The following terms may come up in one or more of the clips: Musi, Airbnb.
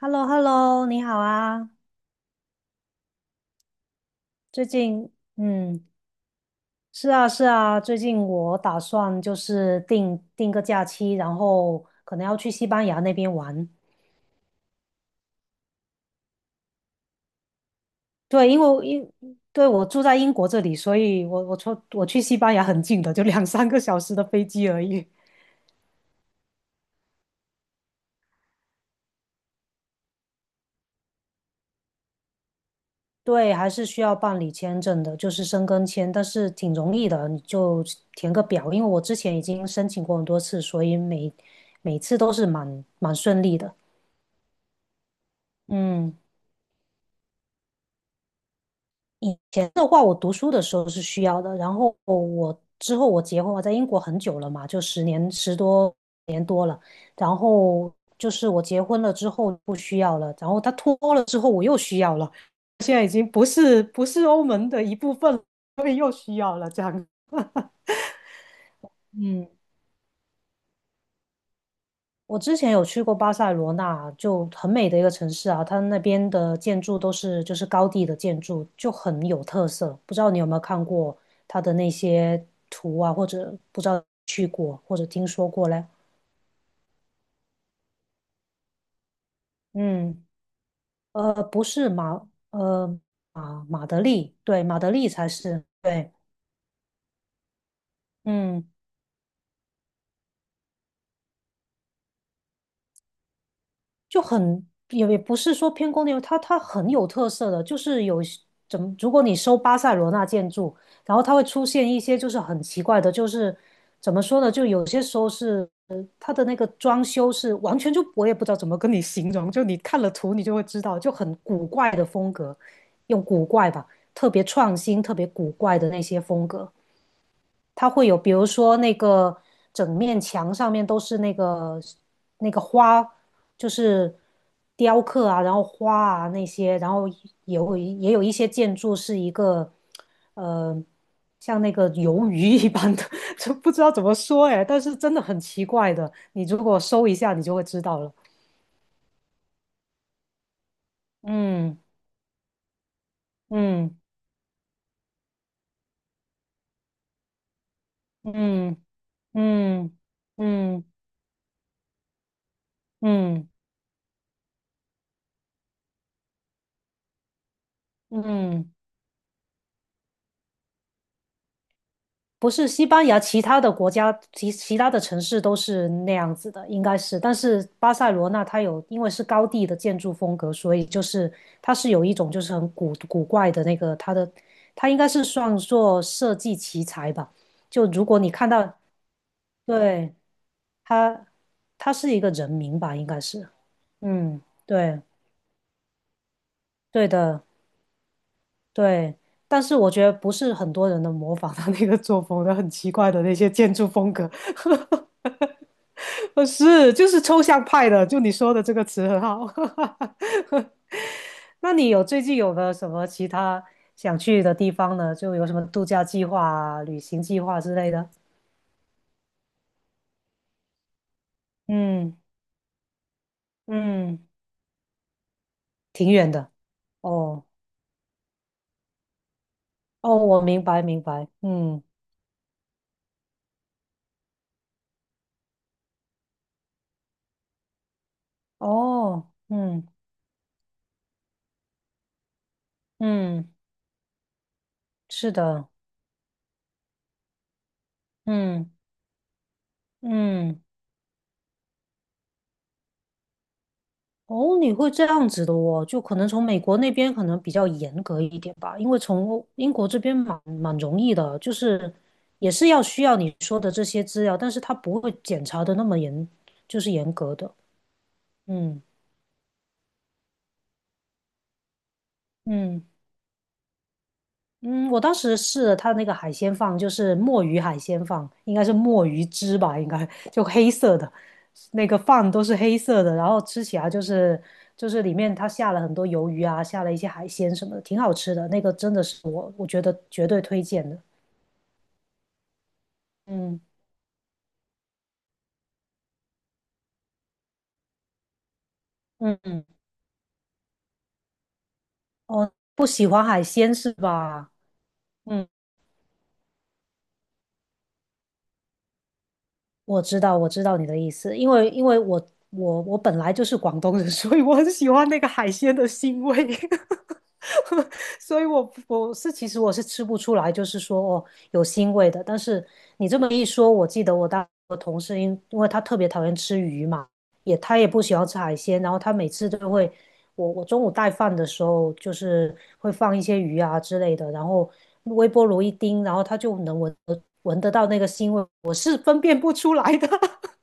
h e l l o h e l l o 你好啊。最近，嗯，是啊，是啊，最近我打算就是定个假期，然后可能要去西班牙那边玩。对，因为我英，对，我住在英国这里，所以我去西班牙很近的，就两三个小时的飞机而已。对，还是需要办理签证的，就是申根签，但是挺容易的，你就填个表。因为我之前已经申请过很多次，所以每次都是蛮顺利的。嗯。以前的话，我读书的时候是需要的，然后之后我结婚，我在英国很久了嘛，就十多年多了，然后就是我结婚了之后不需要了，然后他脱欧了之后我又需要了，现在已经不是欧盟的一部分了。嗯。我之前有去过巴塞罗那，就很美的一个城市啊，它那边的建筑都是就是高地的建筑，就很有特色。不知道你有没有看过它的那些图啊，或者不知道去过或者听说过嘞？嗯，不是马，呃，马德里，对，马德里才是，对，嗯。就很也不是说偏宫殿，它很有特色的，就是有怎么，如果你搜巴塞罗那建筑，然后它会出现一些就是很奇怪的，就是怎么说呢，就有些时候是它的那个装修是完全就我也不知道怎么跟你形容，就你看了图你就会知道，就很古怪的风格，用古怪吧，特别创新、特别古怪的那些风格。它会有，比如说那个整面墙上面都是那个花，就是雕刻啊，然后花啊那些，然后也有一些建筑是一个呃像那个鱿鱼一般的，就不知道怎么说哎，但是真的很奇怪的，你如果搜一下，你就会知道了。嗯嗯嗯嗯嗯嗯嗯嗯。不是西班牙，其他的国家其他的城市都是那样子的，应该是。但是巴塞罗那它有，因为是高地的建筑风格，所以就是它是有一种就是很古怪的那个它的，它应该是算作设计奇才吧。就如果你看到，对，他他是一个人名吧，应该是。嗯，对，对的，对。但是我觉得不是很多人能模仿他那个作风的，很奇怪的那些建筑风格。是，就是抽象派的，就你说的这个词很好。那你最近有没有什么其他想去的地方呢？就有什么度假计划啊、旅行计划之类的？嗯嗯，挺远的。哦哦，我明白明白。嗯哦嗯嗯，是的。嗯嗯。哦，你会这样子的哦，就可能从美国那边可能比较严格一点吧，因为从英国这边蛮容易的，就是也是要需要你说的这些资料，但是他不会检查的那么严，就是严格的。嗯嗯嗯，我当时试了他那个海鲜饭，就是墨鱼海鲜饭，应该是墨鱼汁吧，应该就黑色的，那个饭都是黑色的，然后吃起来就是里面它下了很多鱿鱼啊，下了一些海鲜什么的，挺好吃的。那个真的是我觉得绝对推荐的。嗯嗯嗯，哦，不喜欢海鲜是吧？嗯。我知道，我知道你的意思，因为我本来就是广东人，所以我很喜欢那个海鲜的腥味，所以我是其实我是吃不出来，就是说哦有腥味的。但是你这么一说，我记得我同事因为他特别讨厌吃鱼嘛，他也不喜欢吃海鲜，然后他每次都会。我中午带饭的时候，就是会放一些鱼啊之类的，然后微波炉一叮，然后它就能闻得到那个腥味，我是分辨不出来的。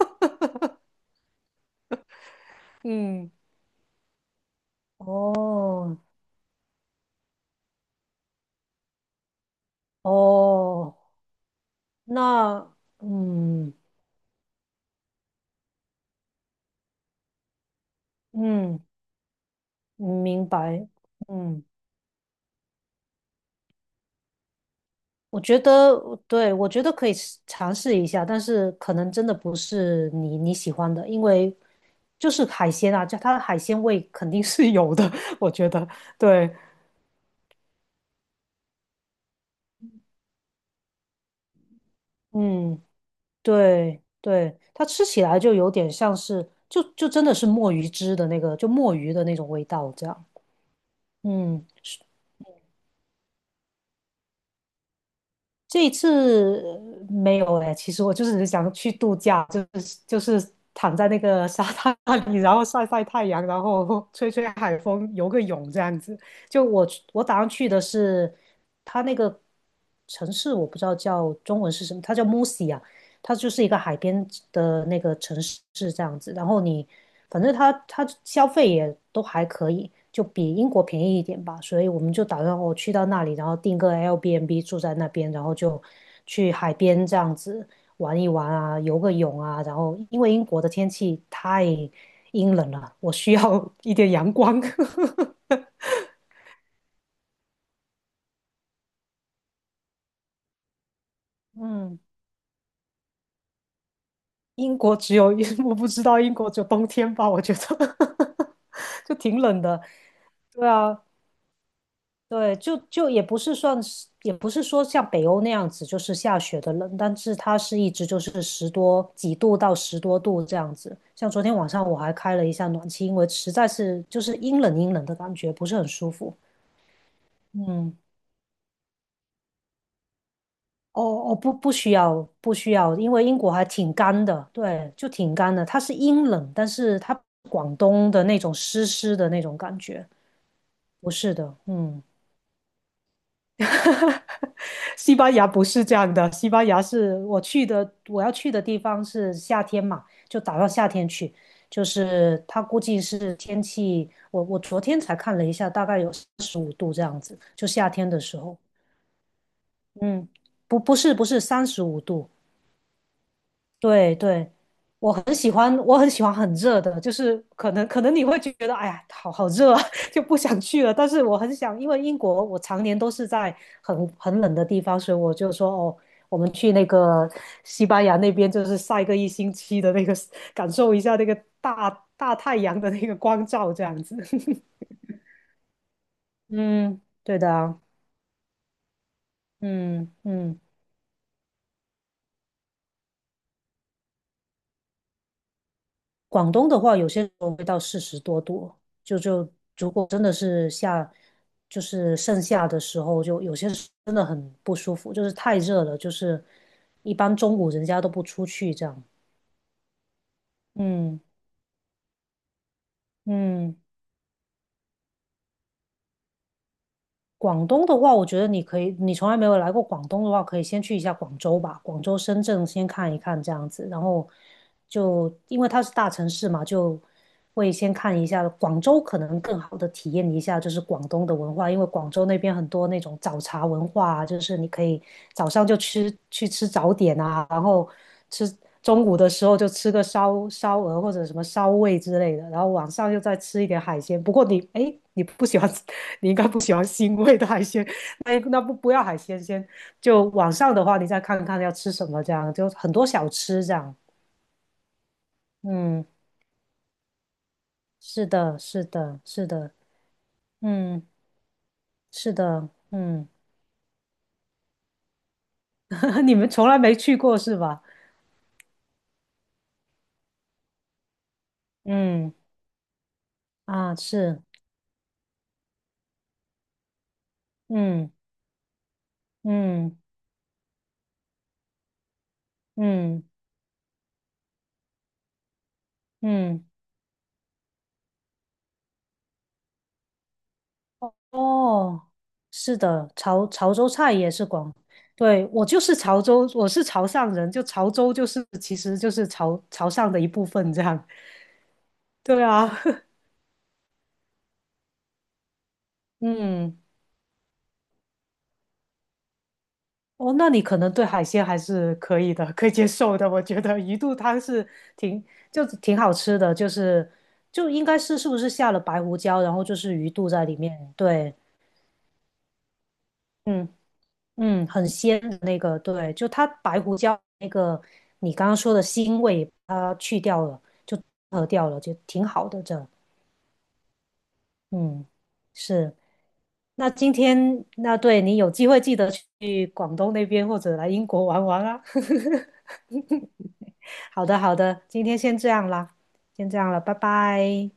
嗯，哦哦，那嗯嗯，明白。嗯，我觉得对，我觉得可以尝试一下，但是可能真的不是你喜欢的，因为就是海鲜啊，就它的海鲜味肯定是有的，我觉得对。嗯。对对，它吃起来就有点像是，就真的是墨鱼汁的那个，就墨鱼的那种味道这样。嗯，这一次没有哎，其实我就是想去度假，就是躺在那个沙滩里，然后晒晒太阳，然后吹吹海风，游个泳这样子。就我打算去的是它那个城市，我不知道叫中文是什么，它叫 Musi 它就是一个海边的那个城市这样子。然后你反正它消费也都还可以，就比英国便宜一点吧。所以我们就打算我去到那里，然后订个 Airbnb 住在那边，然后就去海边这样子玩一玩啊，游个泳啊。然后因为英国的天气太阴冷了，我需要 一点阳光。嗯，英国只有 我不知道英国只有冬天吧，我觉得 就挺冷的。对啊，对，就也不是算是，也不是说像北欧那样子，就是下雪的冷，但是它是一直就是十多几度到十多度这样子。像昨天晚上我还开了一下暖气，因为实在是就是阴冷阴冷的感觉，不是很舒服。嗯，哦哦，不需要不需要，因为英国还挺干的，对，就挺干的。它是阴冷，但是它广东的那种湿湿的那种感觉，不是的，嗯。西班牙不是这样的，西班牙是我去的，我要去的地方是夏天嘛，就打到夏天去。就是他估计是天气，我昨天才看了一下，大概有十五度这样子，就夏天的时候。嗯，不是35度，对对，我很喜欢，我很喜欢很热的，就是可能你会觉得，哎呀，好好热啊，就不想去了。但是我很想，因为英国我常年都是在很冷的地方，所以我就说，哦，我们去那个西班牙那边，就是晒个一星期的那个，感受一下那个大大太阳的那个光照，这样子。嗯，对的啊，嗯嗯。广东的话，有些时候会到40多度，就如果真的是下，就是盛夏的时候，就有些时候真的很不舒服，就是太热了，就是一般中午人家都不出去这样。嗯嗯。广东的话，我觉得你可以，你从来没有来过广东的话，可以先去一下广州吧，广州、深圳先看一看这样子，然后就因为它是大城市嘛，就会先看一下广州，可能更好的体验一下就是广东的文化，因为广州那边很多那种早茶文化啊，就是你可以早上就去吃早点啊，然后吃。中午的时候就吃个烧鹅或者什么烧味之类的，然后晚上又再吃一点海鲜。不过你，哎，你不喜欢，你应该不喜欢腥味的海鲜，那不要海鲜先。就晚上的话，你再看看要吃什么，这样就很多小吃这样。嗯，是的，是的，是的，嗯，是的，嗯，你们从来没去过是吧？嗯，啊，是，嗯嗯嗯嗯。嗯哦，是的，潮州菜也是广，对，我就是潮州，我是潮汕人，就潮州就是其实就是潮汕的一部分这样。对啊，嗯，哦，那你可能对海鲜还是可以的，可以接受的。我觉得鱼肚汤挺挺好吃的，就是就应该是是不是下了白胡椒，然后就是鱼肚在里面。对，嗯。嗯，很鲜的那个，对，就它白胡椒那个你刚刚说的腥味它去掉了，就合掉了，就挺好的这，嗯，是。那今天那对你有机会记得去广东那边或者来英国玩玩啊。好的，好的，今天先这样啦，先这样了，拜拜。